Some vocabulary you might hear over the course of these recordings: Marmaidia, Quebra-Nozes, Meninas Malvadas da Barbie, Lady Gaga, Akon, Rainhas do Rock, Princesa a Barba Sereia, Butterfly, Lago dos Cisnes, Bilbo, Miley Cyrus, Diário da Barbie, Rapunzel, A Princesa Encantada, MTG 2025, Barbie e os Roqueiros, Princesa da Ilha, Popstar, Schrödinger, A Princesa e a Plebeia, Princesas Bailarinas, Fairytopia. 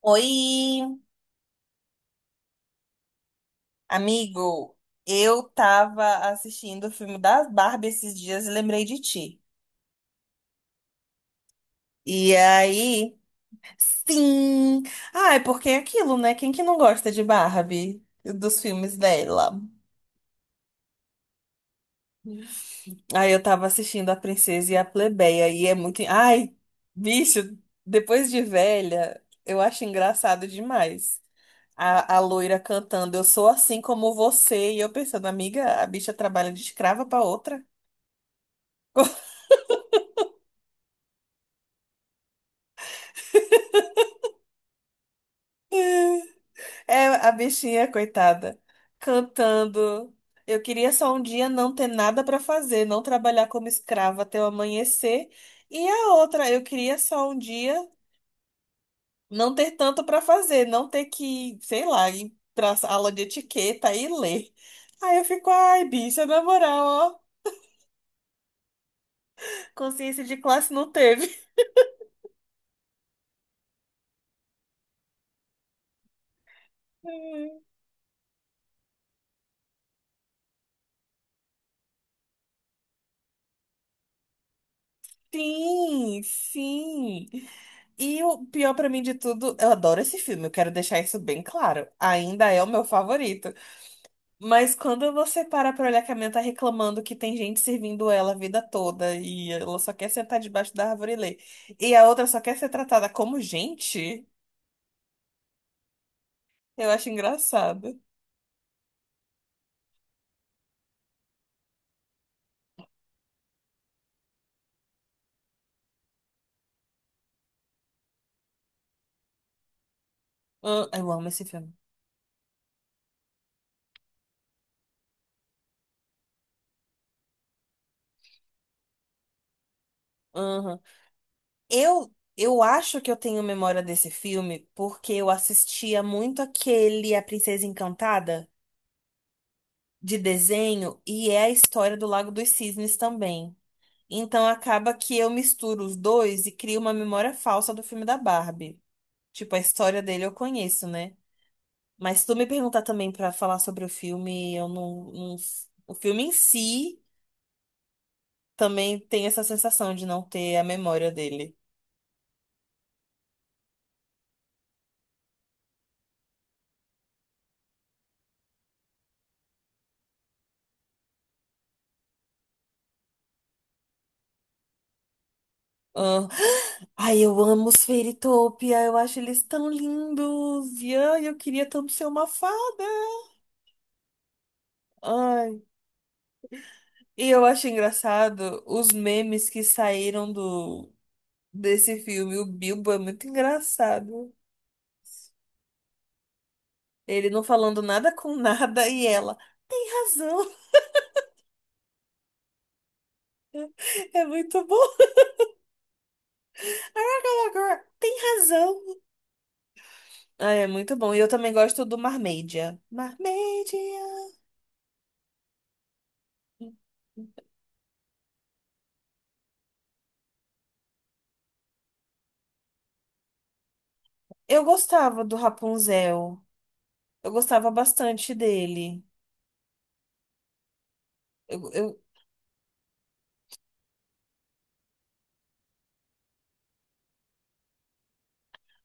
Oi, amigo. Eu tava assistindo o filme das Barbie esses dias e lembrei de ti. E aí, sim. Ah, é porque é aquilo, né? Quem que não gosta de Barbie? Dos filmes dela. Aí eu tava assistindo A Princesa e a Plebeia e é muito. Ai, bicho, depois de velha, eu acho engraçado demais. A loira cantando, eu sou assim como você, e eu pensando, amiga, a bicha trabalha de escrava pra outra. É a bichinha, coitada, cantando. Eu queria só um dia não ter nada pra fazer, não trabalhar como escrava até o amanhecer. E a outra, eu queria só um dia não ter tanto pra fazer, não ter que, sei lá, ir pra aula de etiqueta e ler. Aí eu fico, ai, bicha, na moral, ó, consciência de classe não teve. Hum. Sim, sim. E o pior pra mim de tudo, eu adoro esse filme, eu quero deixar isso bem claro. Ainda é o meu favorito. Mas quando você para pra olhar que a minha tá reclamando que tem gente servindo ela a vida toda e ela só quer sentar debaixo da árvore e ler, e a outra só quer ser tratada como gente, eu acho engraçado. Ah, eu amo esse filme. Aham. Eu acho que eu tenho memória desse filme porque eu assistia muito aquele A Princesa Encantada de desenho e é a história do Lago dos Cisnes também. Então acaba que eu misturo os dois e crio uma memória falsa do filme da Barbie. Tipo, a história dele eu conheço, né? Mas se tu me perguntar também pra falar sobre o filme, eu não, não- O filme em si também tem essa sensação de não ter a memória dele. Ah, ai, eu amo os Fairytopia, eu acho eles tão lindos. E ai, eu queria tanto ser uma fada. Ai, e eu acho engraçado os memes que saíram do desse filme. O Bilbo é muito engraçado. Ele não falando nada com nada e ela tem razão. É muito bom. Agora, tem razão. Ah, é muito bom. E eu também gosto do Marmaidia. Marmaidia. Eu gostava do Rapunzel. Eu gostava bastante dele. Eu, eu-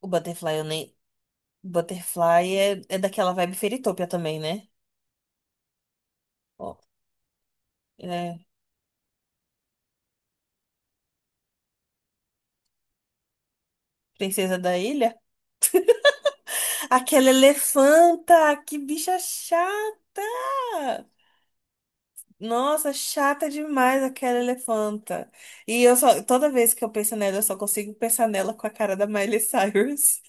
o Butterfly, eu nem. Butterfly é, é daquela vibe Fairytopia também, né? Ó, é Princesa da Ilha. Aquela elefanta! Que bicha chata! Nossa, chata demais aquela elefanta. E eu só, toda vez que eu penso nela, eu só consigo pensar nela com a cara da Miley Cyrus.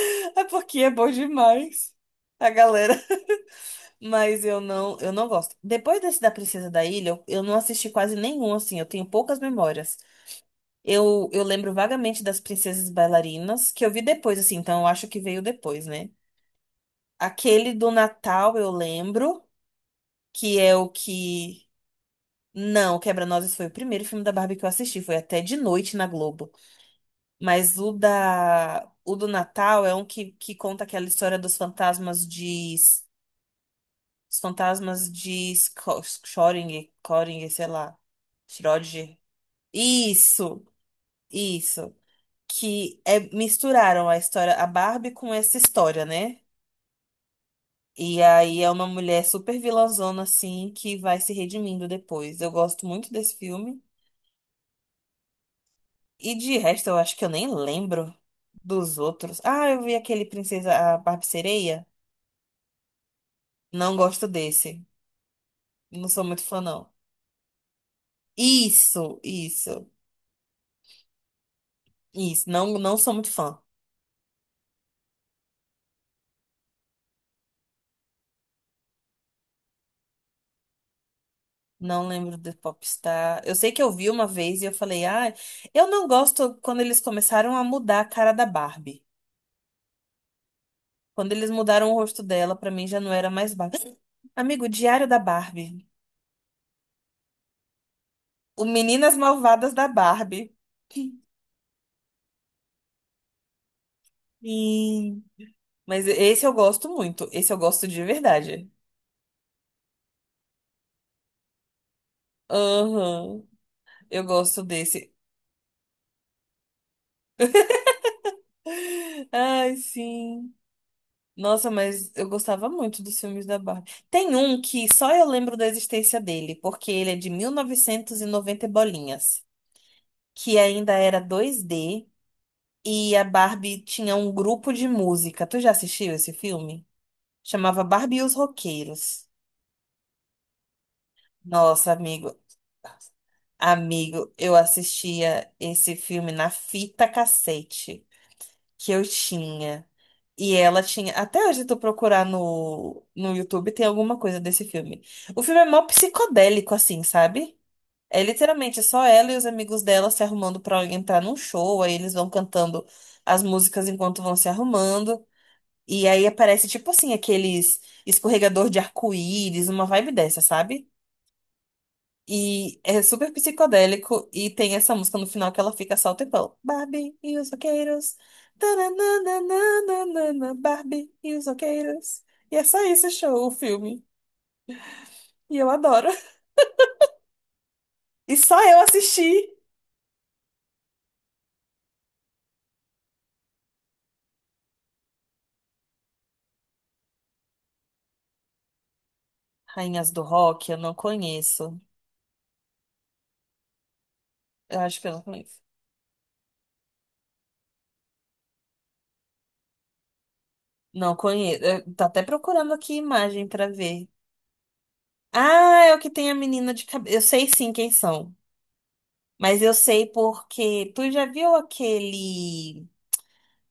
É porque é bom demais. A galera. Mas eu não gosto. Depois desse da Princesa da Ilha, eu não assisti quase nenhum, assim. Eu tenho poucas memórias. Eu lembro vagamente das Princesas Bailarinas, que eu vi depois, assim. Então eu acho que veio depois, né? Aquele do Natal eu lembro, que é o que. Não, Quebra-Nozes foi o primeiro filme da Barbie que eu assisti, foi até de noite na Globo. Mas o do Natal é um que conta aquela história dos fantasmas de os fantasmas de Schrödinger, Schrödinger, sei lá, Schrödinger. Isso, isso, que é misturaram a história a Barbie com essa história, né? E aí é uma mulher super vilãzona assim que vai se redimindo depois. Eu gosto muito desse filme. E de resto, eu acho que eu nem lembro dos outros. Ah, eu vi aquele Princesa a Barba Sereia. Não gosto desse. Não sou muito fã, não. Isso, isso, isso. Não, não sou muito fã. Não lembro do Popstar. Eu sei que eu vi uma vez e eu falei, ah, eu não gosto quando eles começaram a mudar a cara da Barbie. Quando eles mudaram o rosto dela, pra mim já não era mais Barbie. Amigo, Diário da Barbie. O Meninas Malvadas da Barbie. Sim. Mas esse eu gosto muito. Esse eu gosto de verdade. Aham. Eu gosto desse. Ai, sim. Nossa, mas eu gostava muito dos filmes da Barbie. Tem um que só eu lembro da existência dele, porque ele é de mil novecentos e noventa e bolinhas, que ainda era dois d e a Barbie tinha um grupo de música. Tu já assistiu esse filme? Chamava Barbie e os Roqueiros. Nossa, amigo. Amigo, eu assistia esse filme na fita cassete que eu tinha. E ela tinha. Até hoje, se tu procurar no YouTube, tem alguma coisa desse filme. O filme é mó psicodélico, assim, sabe? É literalmente é só ela e os amigos dela se arrumando pra entrar num show. Aí eles vão cantando as músicas enquanto vão se arrumando. E aí aparece, tipo assim, aqueles escorregador de arco-íris, uma vibe dessa, sabe? E é super psicodélico. E tem essa música no final que ela fica só o tempão. Barbie e os roqueiros. Tananana, Barbie e os roqueiros. E é só isso o show, o filme. E eu adoro. E só eu assisti. Rainhas do Rock, eu não conheço. Eu acho que eu não conheço. Não conheço. Eu tô até procurando aqui imagem pra ver. Ah, é o que tem a menina de cabelo. Eu sei sim quem são. Mas eu sei porque. Tu já viu aquele.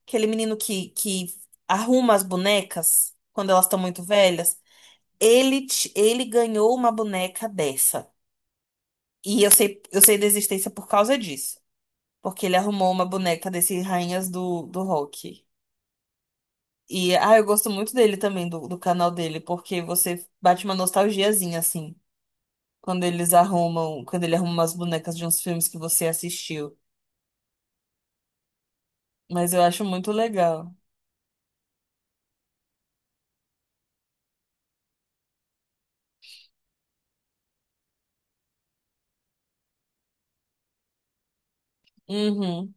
Aquele menino que arruma as bonecas quando elas estão muito velhas. Ele ganhou uma boneca dessa. E eu sei da existência por causa disso. Porque ele arrumou uma boneca desse Rainhas do Rock. E ah, eu gosto muito dele também, do canal dele, porque você bate uma nostalgiazinha, assim, quando eles arrumam, quando ele arruma umas bonecas de uns filmes que você assistiu. Mas eu acho muito legal. Uhum.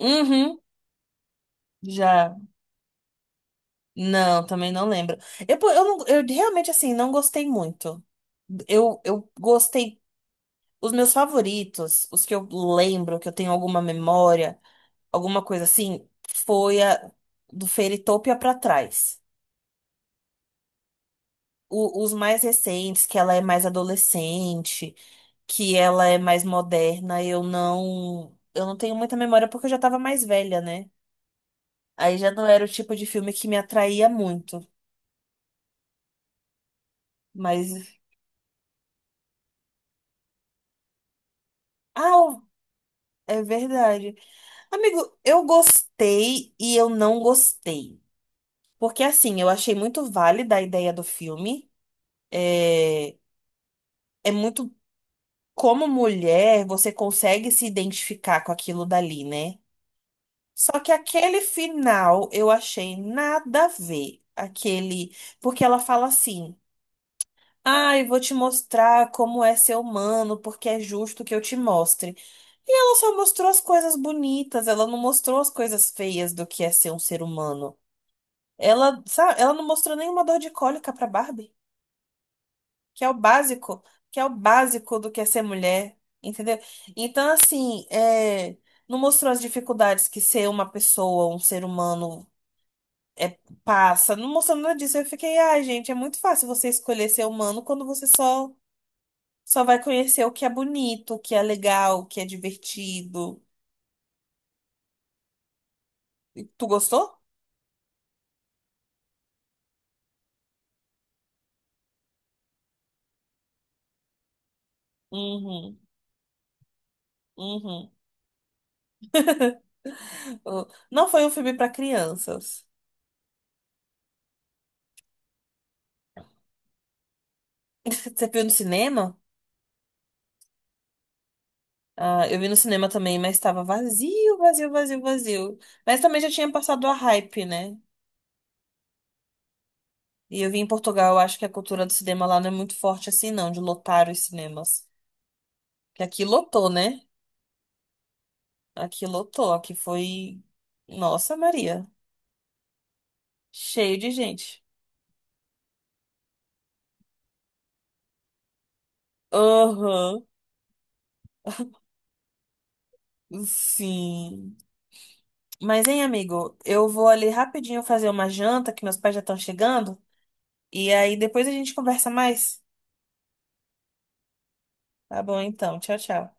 Uhum. Já. Não, também não lembro. Eu, pô, eu realmente, assim, não gostei muito. Eu gostei. Os meus favoritos, os que eu lembro, que eu tenho alguma memória, alguma coisa assim, foi a do Fairytopia pra trás. Os mais recentes, que ela é mais adolescente, que ela é mais moderna, eu não. Eu não tenho muita memória porque eu já tava mais velha, né? Aí já não era o tipo de filme que me atraía muito. Mas. Ah, é verdade. Amigo, eu gostei e eu não gostei. Porque, assim, eu achei muito válida a ideia do filme. É, é muito como mulher você consegue se identificar com aquilo dali, né? Só que aquele final eu achei nada a ver. Aquele. Porque ela fala assim: ah, eu vou te mostrar como é ser humano, porque é justo que eu te mostre. E ela só mostrou as coisas bonitas, ela não mostrou as coisas feias do que é ser um ser humano. Ela, sabe, ela não mostrou nenhuma dor de cólica pra Barbie, que é o básico, que é o básico do que é ser mulher, entendeu? Então, assim, é, não mostrou as dificuldades que ser uma pessoa, um ser humano é, passa, não mostrou nada disso. Eu fiquei, ai, gente, é muito fácil você escolher ser humano quando você só vai conhecer o que é bonito, o que é legal, o que é divertido. Tu gostou? Uhum, uhum. Não foi um filme pra crianças. Você viu no cinema? Ah, eu vi no cinema também, mas tava vazio, vazio, vazio, vazio. Mas também já tinha passado a hype, né? E eu vim em Portugal, eu acho que a cultura do cinema lá não é muito forte assim, não, de lotar os cinemas. Que aqui lotou, né? Aqui lotou, aqui foi. Nossa, Maria. Cheio de gente. Aham. Sim. Mas, hein, amigo, eu vou ali rapidinho fazer uma janta, que meus pais já estão chegando. E aí depois a gente conversa mais. Tá bom, então. Tchau, tchau.